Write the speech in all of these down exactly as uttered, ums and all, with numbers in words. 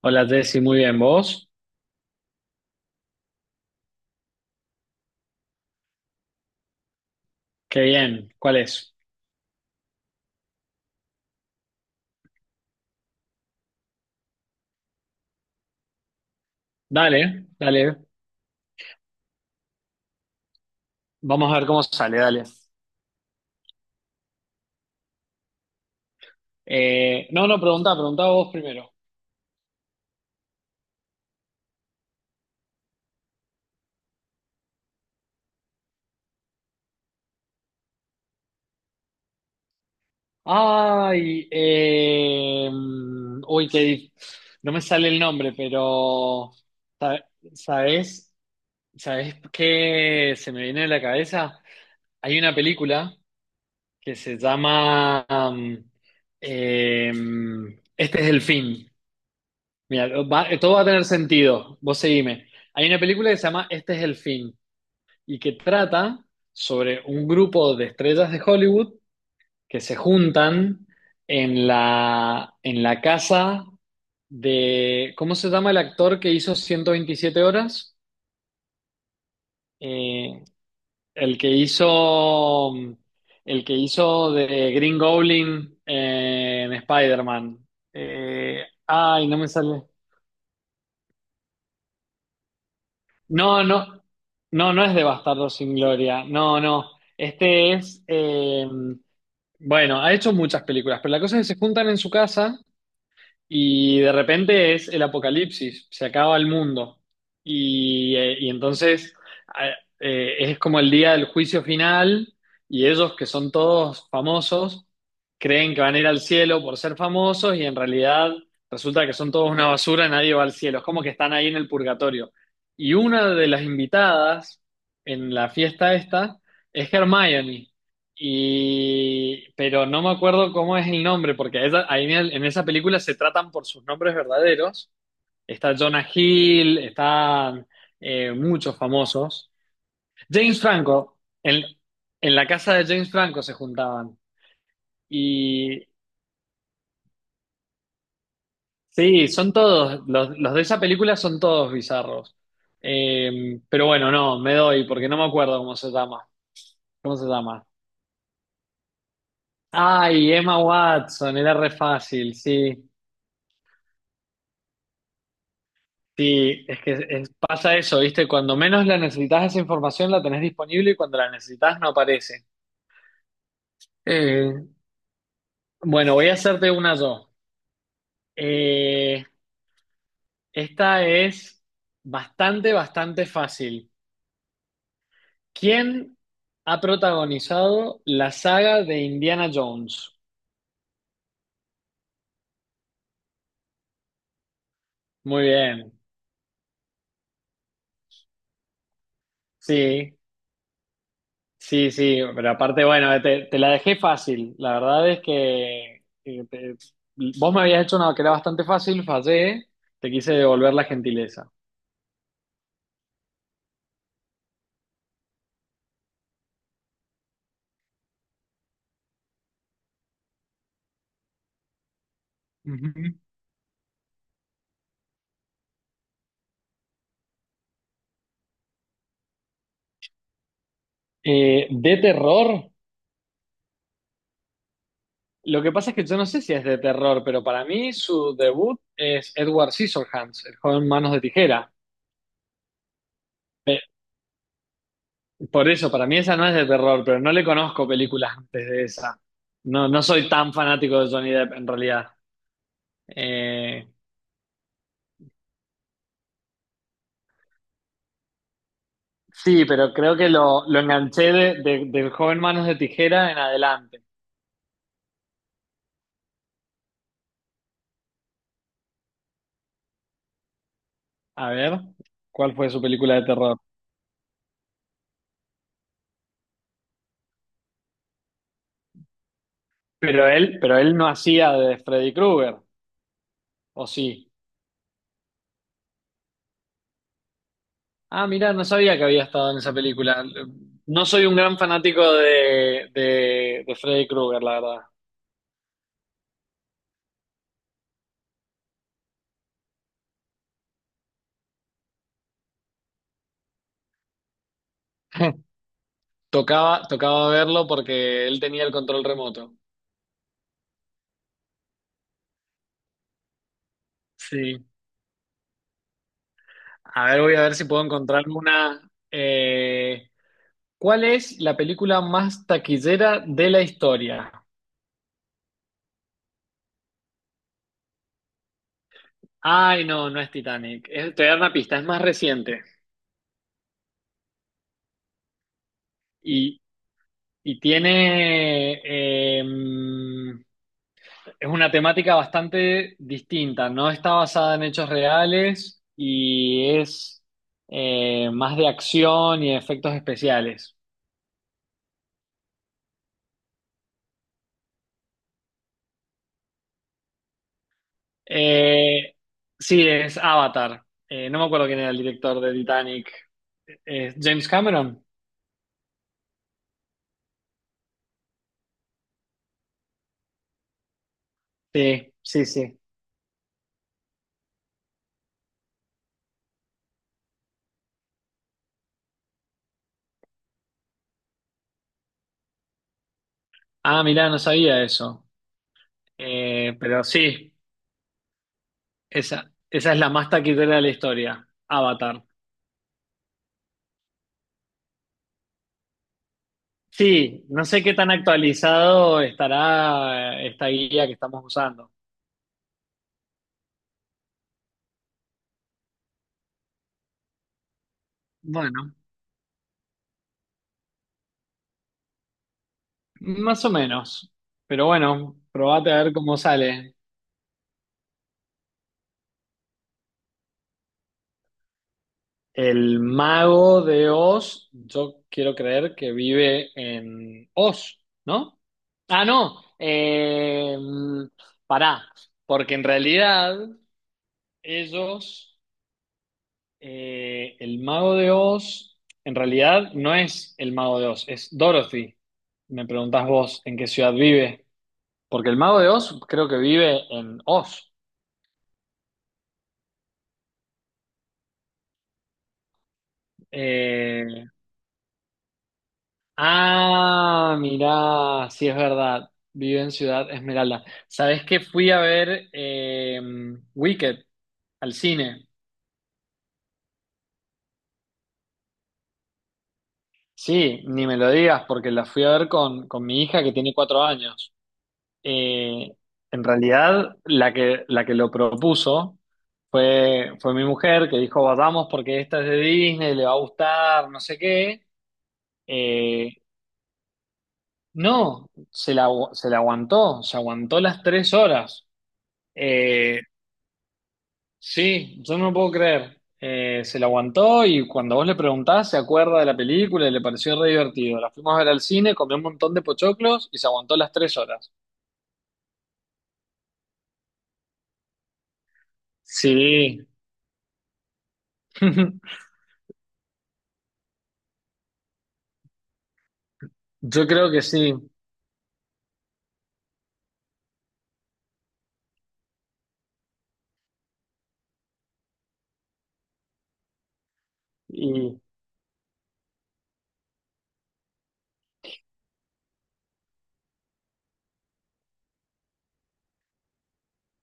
Hola Jessy, muy bien. ¿Vos? Qué bien. ¿Cuál es? Dale, dale. Vamos a ver cómo sale, dale. Eh, no, no, pregunta, pregunta vos primero. Ay, eh, mm, uy, qué di- no me sale el nombre, pero sa- ¿sabés? ¿Sabés qué se me viene a la cabeza? Hay una película que se llama mm, eh, Este es el fin. Mira, va- todo va a tener sentido. Vos seguime. Hay una película que se llama Este es el fin y que trata sobre un grupo de estrellas de Hollywood que se juntan en la, en la casa de, ¿cómo se llama el actor que hizo ciento veintisiete horas? Eh, el que hizo, el que hizo de Green Goblin, eh, en Spider-Man. Eh, ay, no me sale. No, no, no, no es de Bastardos sin Gloria. No, no. Este es, eh, bueno, ha hecho muchas películas, pero la cosa es que se juntan en su casa y de repente es el apocalipsis, se acaba el mundo. Y, eh, y entonces a- eh, es como el día del juicio final, y ellos, que son todos famosos, creen que van a ir al cielo por ser famosos, y en realidad resulta que son todos una basura, nadie va al cielo, es como que están ahí en el purgatorio. Y una de las invitadas en la fiesta esta es Hermione, y, pero no me acuerdo cómo es el nombre, porque esa- ahí en, el- en esa película se tratan por sus nombres verdaderos. Está Jonah Hill, están, eh, muchos famosos. James Franco, en, en la casa de James Franco se juntaban. Y sí, son todos, los, los de esa película son todos bizarros. Eh, pero bueno, no, me doy, porque no me acuerdo cómo se llama. ¿Cómo se llama? Ay, Emma Watson, era re fácil, sí. Sí, es que es- pasa eso, ¿viste? Cuando menos la necesitas esa información la tenés disponible, y cuando la necesitas no aparece. Eh, bueno, voy a hacerte una yo. Eh, Esta es bastante, bastante fácil. ¿Quién ha protagonizado la saga de Indiana Jones? Muy bien, sí, sí, sí, pero aparte, bueno, te, te la dejé fácil. La verdad es que, eh, te- vos me habías hecho una que era bastante fácil, fallé, te quise devolver la gentileza. Ujú. Eh, de terror, lo que pasa es que yo no sé si es de terror, pero para mí su debut es Edward Scissorhands, el joven Manos de Tijera. Por eso, para mí esa no es de terror, pero no le conozco películas antes de esa. No, no soy tan fanático de Johnny Depp en realidad. Eh, Sí, pero creo que lo, lo enganché de, de- del joven Manos de Tijera en adelante. A ver, ¿cuál fue su película de terror? Pero él, pero él no hacía de Freddy Krueger, ¿o sí? Ah, mira, no sabía que había estado en esa película. No soy un gran fanático de, de, de Freddy Krueger, la verdad. Tocaba, tocaba verlo porque él tenía el control remoto. Sí. A ver, voy a ver si puedo encontrar una. eh, ¿Cuál es la película más taquillera de la historia? Ay, no, no es Titanic. Es- te voy a dar una pista, es más reciente. Y, y tiene, em, es una temática bastante distinta, no está basada en hechos reales y es, eh, más de acción y efectos especiales. Eh, sí, es Avatar. Eh, no me acuerdo quién era el director de Titanic. Eh, ¿James Cameron? Sí, sí, sí. Ah, mirá, no sabía eso. Eh, pero sí, esa, esa es la más taquitera de la historia, Avatar. Sí, no sé qué tan actualizado estará, eh, esta guía que estamos usando. Bueno, más o menos. Pero bueno, probate a ver cómo sale. El mago de Oz, yo quiero creer que vive en Oz, ¿no? Ah, no. Eh, mm, pará, porque en realidad ellos. Eh, El mago de Oz, en realidad no es el mago de Oz, es Dorothy. Me preguntás vos en qué ciudad vive, porque el mago de Oz creo que vive en Oz. Eh, ah, mirá, sí es verdad, vive en Ciudad Esmeralda. ¿Sabés que fui a ver, eh, Wicked al cine? Sí, ni me lo digas, porque la fui a ver con, con mi hija que tiene cuatro años. Eh, en realidad, la que, la que lo propuso fue, fue mi mujer, que dijo, vamos porque esta es de Disney, le va a gustar, no sé qué. Eh, no, se la, agu- se la aguantó, se aguantó las tres horas. Eh, sí, yo no lo puedo creer. Eh, se la aguantó y cuando vos le preguntás, se acuerda de la película y le pareció re divertido. La fuimos a ver al cine, comió un montón de pochoclos y se aguantó las tres horas. Sí, yo creo que sí. Y,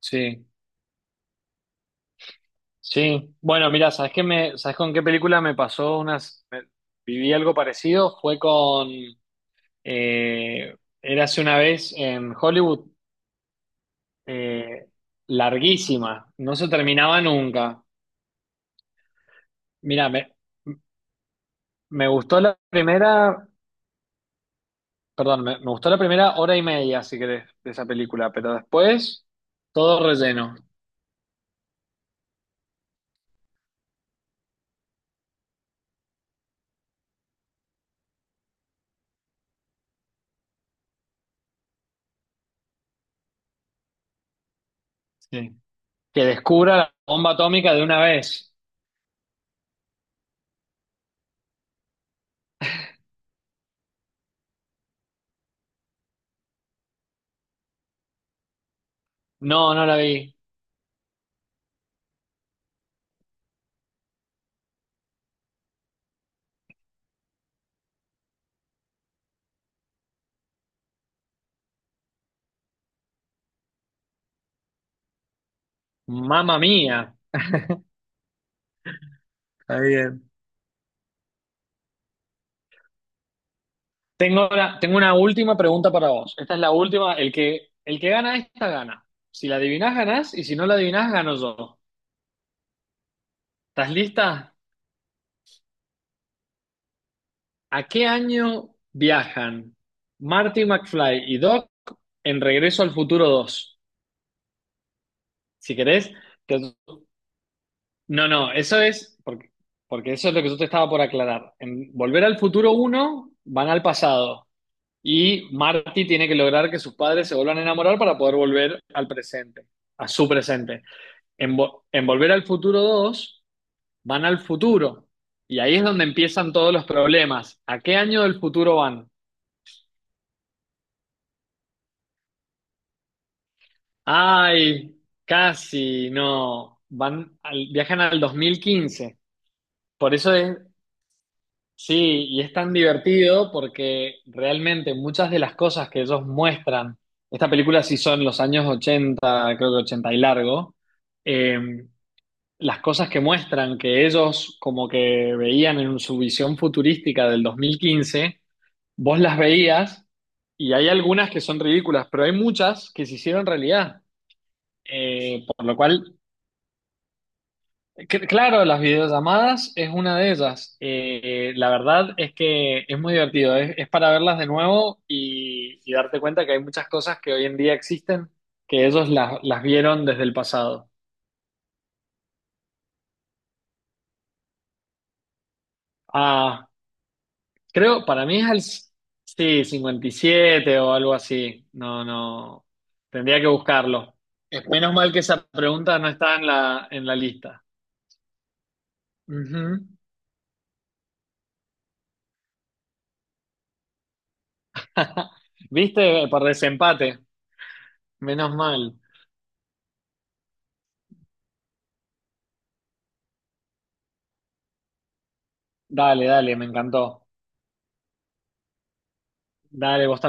sí, sí. Bueno, mira, ¿sabes qué me, sabes con qué película me pasó unas, me- viví algo parecido? Fue con, eh, Érase una vez en Hollywood, eh, larguísima, no se terminaba nunca. Mira, me, me gustó la primera, perdón, me, me gustó la primera hora y media, si querés, de esa película, pero después todo relleno. Sí. Que descubra la bomba atómica de una vez. No, no la vi. Mamma mía. Tengo una, tengo una última pregunta para vos. Esta es la última. El que, el que gana esta gana. Si la adivinás, ganás. Y si no la adivinás, gano yo. ¿Estás lista? ¿A qué año viajan Marty McFly y Doc en Regreso al Futuro dos? Si querés. te- No, no, eso es. Porque, porque eso es lo que yo te estaba por aclarar. En Volver al Futuro uno van al pasado. Y Marty tiene que lograr que sus padres se vuelvan a enamorar para poder volver al presente, a su presente. En, Vo- en Volver al Futuro dos van al futuro, y ahí es donde empiezan todos los problemas. ¿A qué año del futuro van? Ay, casi no. Van al- viajan al dos mil quince. Por eso es, sí, y es tan divertido porque realmente muchas de las cosas que ellos muestran, esta película sí son los años ochenta, creo que ochenta y largo, eh, las cosas que muestran que ellos como que veían en su visión futurística del dos mil quince, vos las veías, y hay algunas que son ridículas, pero hay muchas que se hicieron realidad. Eh, por lo cual, que- claro, las videollamadas es una de ellas. Eh, la verdad es que es muy divertido, es, es para verlas de nuevo y, y darte cuenta que hay muchas cosas que hoy en día existen, que ellos las, las vieron desde el pasado. Ah, creo, para mí es al, sí, cincuenta y siete o algo así. No, no. Tendría que buscarlo. Es menos mal que esa pregunta no está en la, en la lista. Ujú. ¿Viste? Por desempate. Menos mal. Dale, dale, me encantó. Dale, vos también.